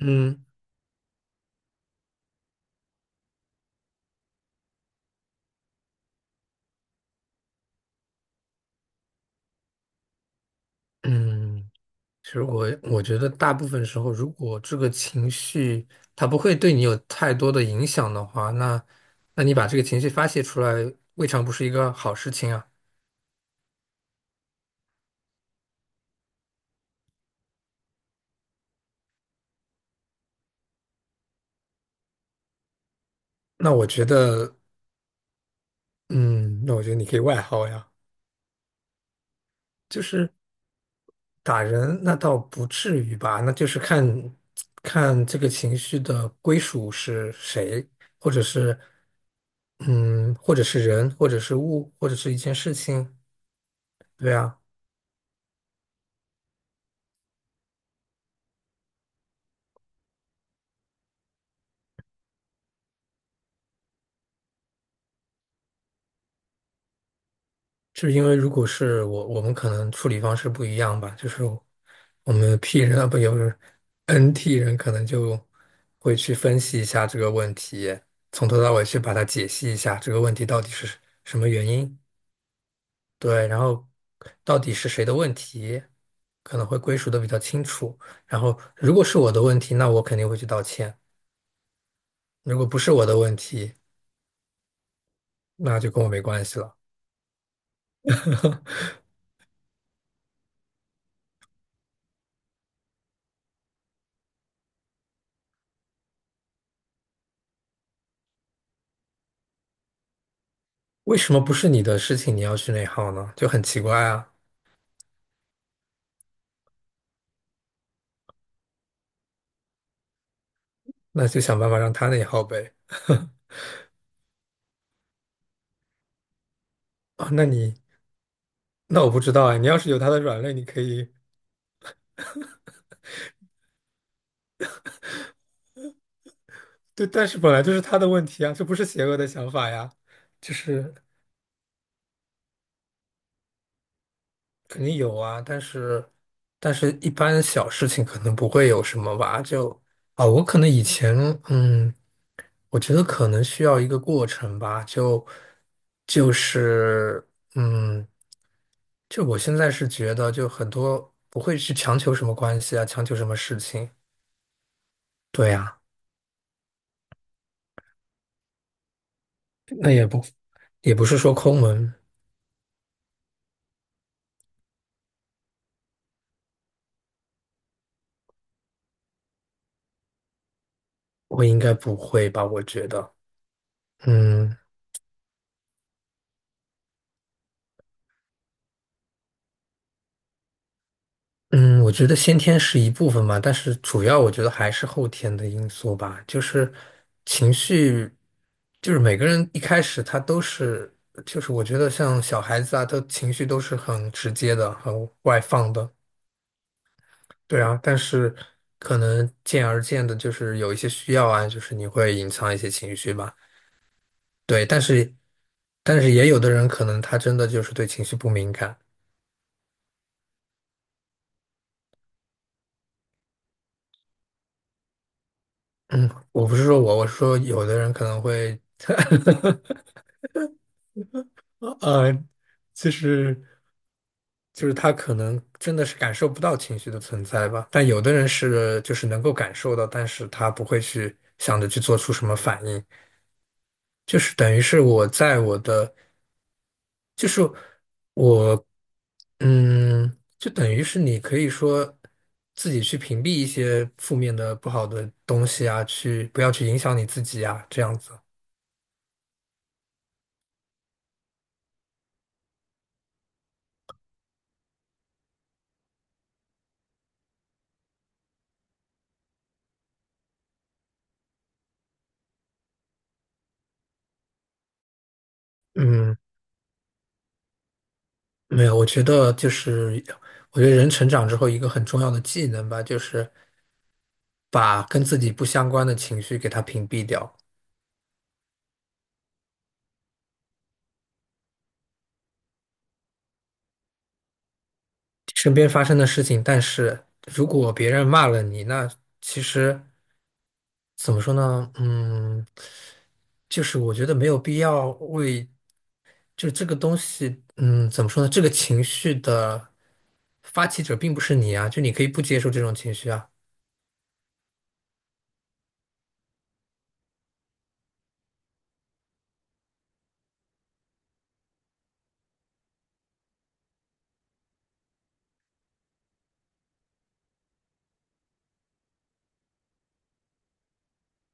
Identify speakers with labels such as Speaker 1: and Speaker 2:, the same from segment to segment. Speaker 1: 嗯嗯，其实我觉得大部分时候，如果这个情绪它不会对你有太多的影响的话，那你把这个情绪发泄出来，未尝不是一个好事情啊。那我觉得，嗯，那我觉得你可以外耗呀，就是打人，那倒不至于吧，那就是看看这个情绪的归属是谁，或者是嗯，或者是人，或者是物，或者是一件事情，对啊。就是因为如果是我，我们可能处理方式不一样吧，就是我们 P 人啊，不，有 NT 人可能就会去分析一下这个问题，从头到尾去把它解析一下，这个问题到底是什么原因，对，然后到底是谁的问题，可能会归属的比较清楚。然后如果是我的问题，那我肯定会去道歉；如果不是我的问题，那就跟我没关系了。为什么不是你的事情你要去内耗呢？就很奇怪啊。那就想办法让他那耗呗。啊，那我不知道哎，你要是有他的软肋，你可以对，但是本来就是他的问题啊，这不是邪恶的想法呀，就是肯定有啊，但是一般小事情可能不会有什么吧，就啊，我可能以前嗯，我觉得可能需要一个过程吧，就是嗯。就我现在是觉得，就很多不会去强求什么关系啊，强求什么事情。对呀。也不是说抠门，我应该不会吧？嗯嗯，我觉得先天是一部分吧，但是主要我觉得还是后天的因素吧，就是情绪，就是每个人一开始他都是，就是我觉得像小孩子啊，他情绪都是很直接的，很外放的，对啊，但是可能渐而渐的，就是有一些需要啊，就是你会隐藏一些情绪吧，对，但是也有的人可能他真的就是对情绪不敏感。我不是说我，我是说有的人可能会，呃，其实就是他可能真的是感受不到情绪的存在吧，但有的人是就是能够感受到，但是他不会去想着去做出什么反应，就是等于是我在我的。就是我，就等于是你可以说自己去屏蔽一些负面的、不好的东西啊，去不要去影响你自己啊，这样子。嗯。没有，我觉得人成长之后一个很重要的技能吧，就是把跟自己不相关的情绪给它屏蔽掉。身边发生的事情，但是如果别人骂了你，那其实怎么说呢？嗯，就是我觉得没有必要为就这个东西，怎么说呢？这个情绪的发起者并不是你啊，就你可以不接受这种情绪啊。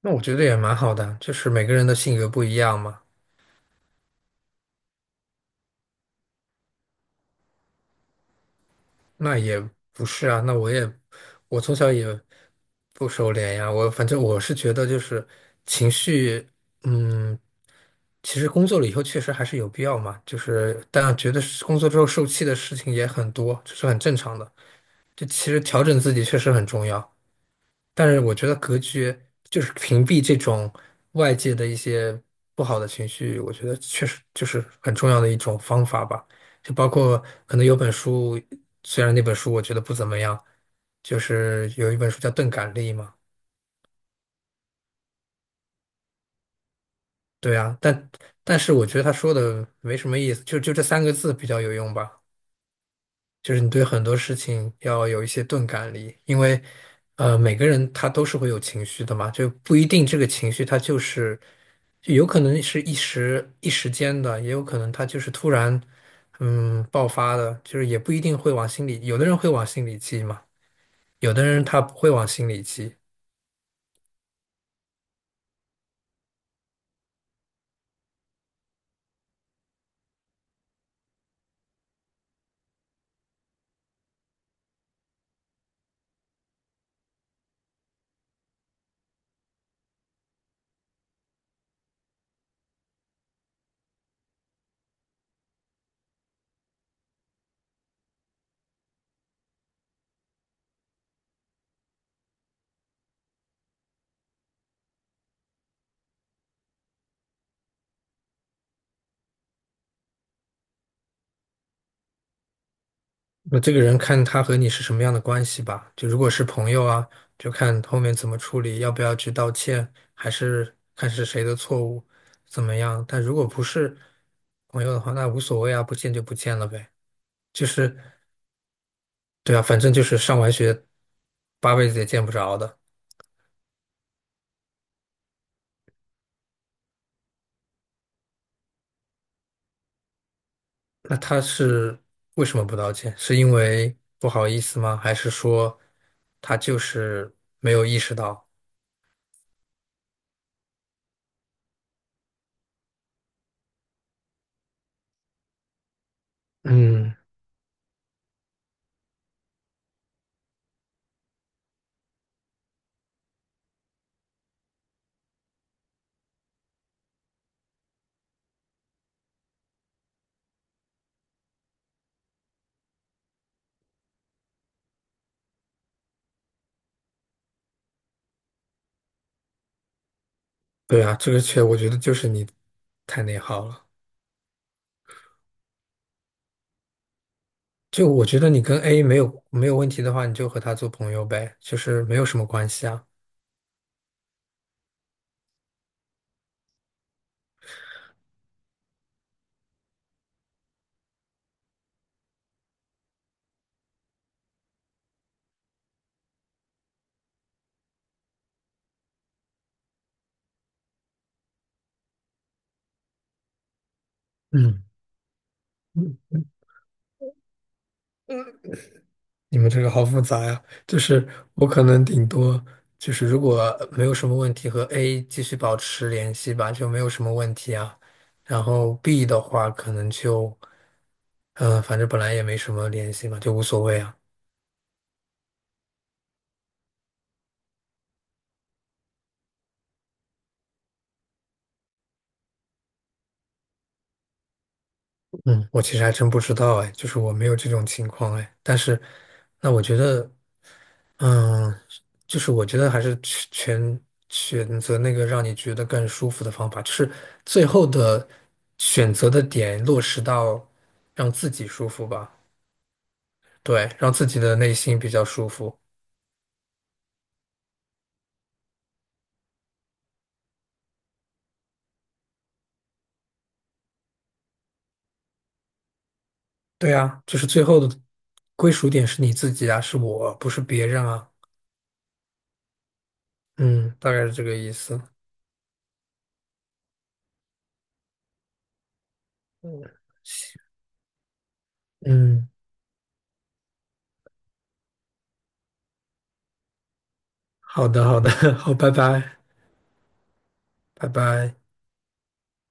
Speaker 1: 那我觉得也蛮好的，就是每个人的性格不一样嘛。那也不是啊，那我也，我从小也不收敛呀。我反正我是觉得，就是情绪，嗯，其实工作了以后确实还是有必要嘛。就是，但觉得是工作之后受气的事情也很多，这是很正常的。就其实调整自己确实很重要。但是我觉得格局就是屏蔽这种外界的一些不好的情绪，我觉得确实就是很重要的一种方法吧。就包括可能有本书，虽然那本书我觉得不怎么样，就是有一本书叫《钝感力》嘛，对啊，但是我觉得他说的没什么意思，就这三个字比较有用吧。就是你对很多事情要有一些钝感力，因为，每个人他都是会有情绪的嘛，就不一定这个情绪他就是，就有可能是一时间的，也有可能他就是突然，爆发的，就是也不一定会往心里，有的人会往心里记嘛，有的人他不会往心里记，那这个人看他和你是什么样的关系吧。就如果是朋友啊，就看后面怎么处理，要不要去道歉，还是看是谁的错误，怎么样。但如果不是朋友的话，那无所谓啊，不见就不见了呗。就是对啊，反正就是上完学八辈子也见不着的。那他是为什么不道歉？是因为不好意思吗？还是说他就是没有意识到？嗯，对啊，这个确我觉得就是你太内耗了。就我觉得你跟 A 没有问题的话，你就和他做朋友呗，就是没有什么关系啊。嗯嗯，你们这个好复杂呀、就是我可能顶多就是如果没有什么问题，和 A 继续保持联系吧，就没有什么问题啊。然后 B 的话，可能就反正本来也没什么联系嘛，就无所谓啊。嗯，我其实还真不知道哎，就是我没有这种情况哎，但是那我觉得。嗯，就是我觉得还是全选择那个让你觉得更舒服的方法，就是最后的选择的点落实到让自己舒服吧，对，让自己的内心比较舒服。对啊，就是最后的归属点是你自己啊，是我，不是别人啊。嗯，大概是这个意思。嗯，好的，好的，好，拜拜，拜拜。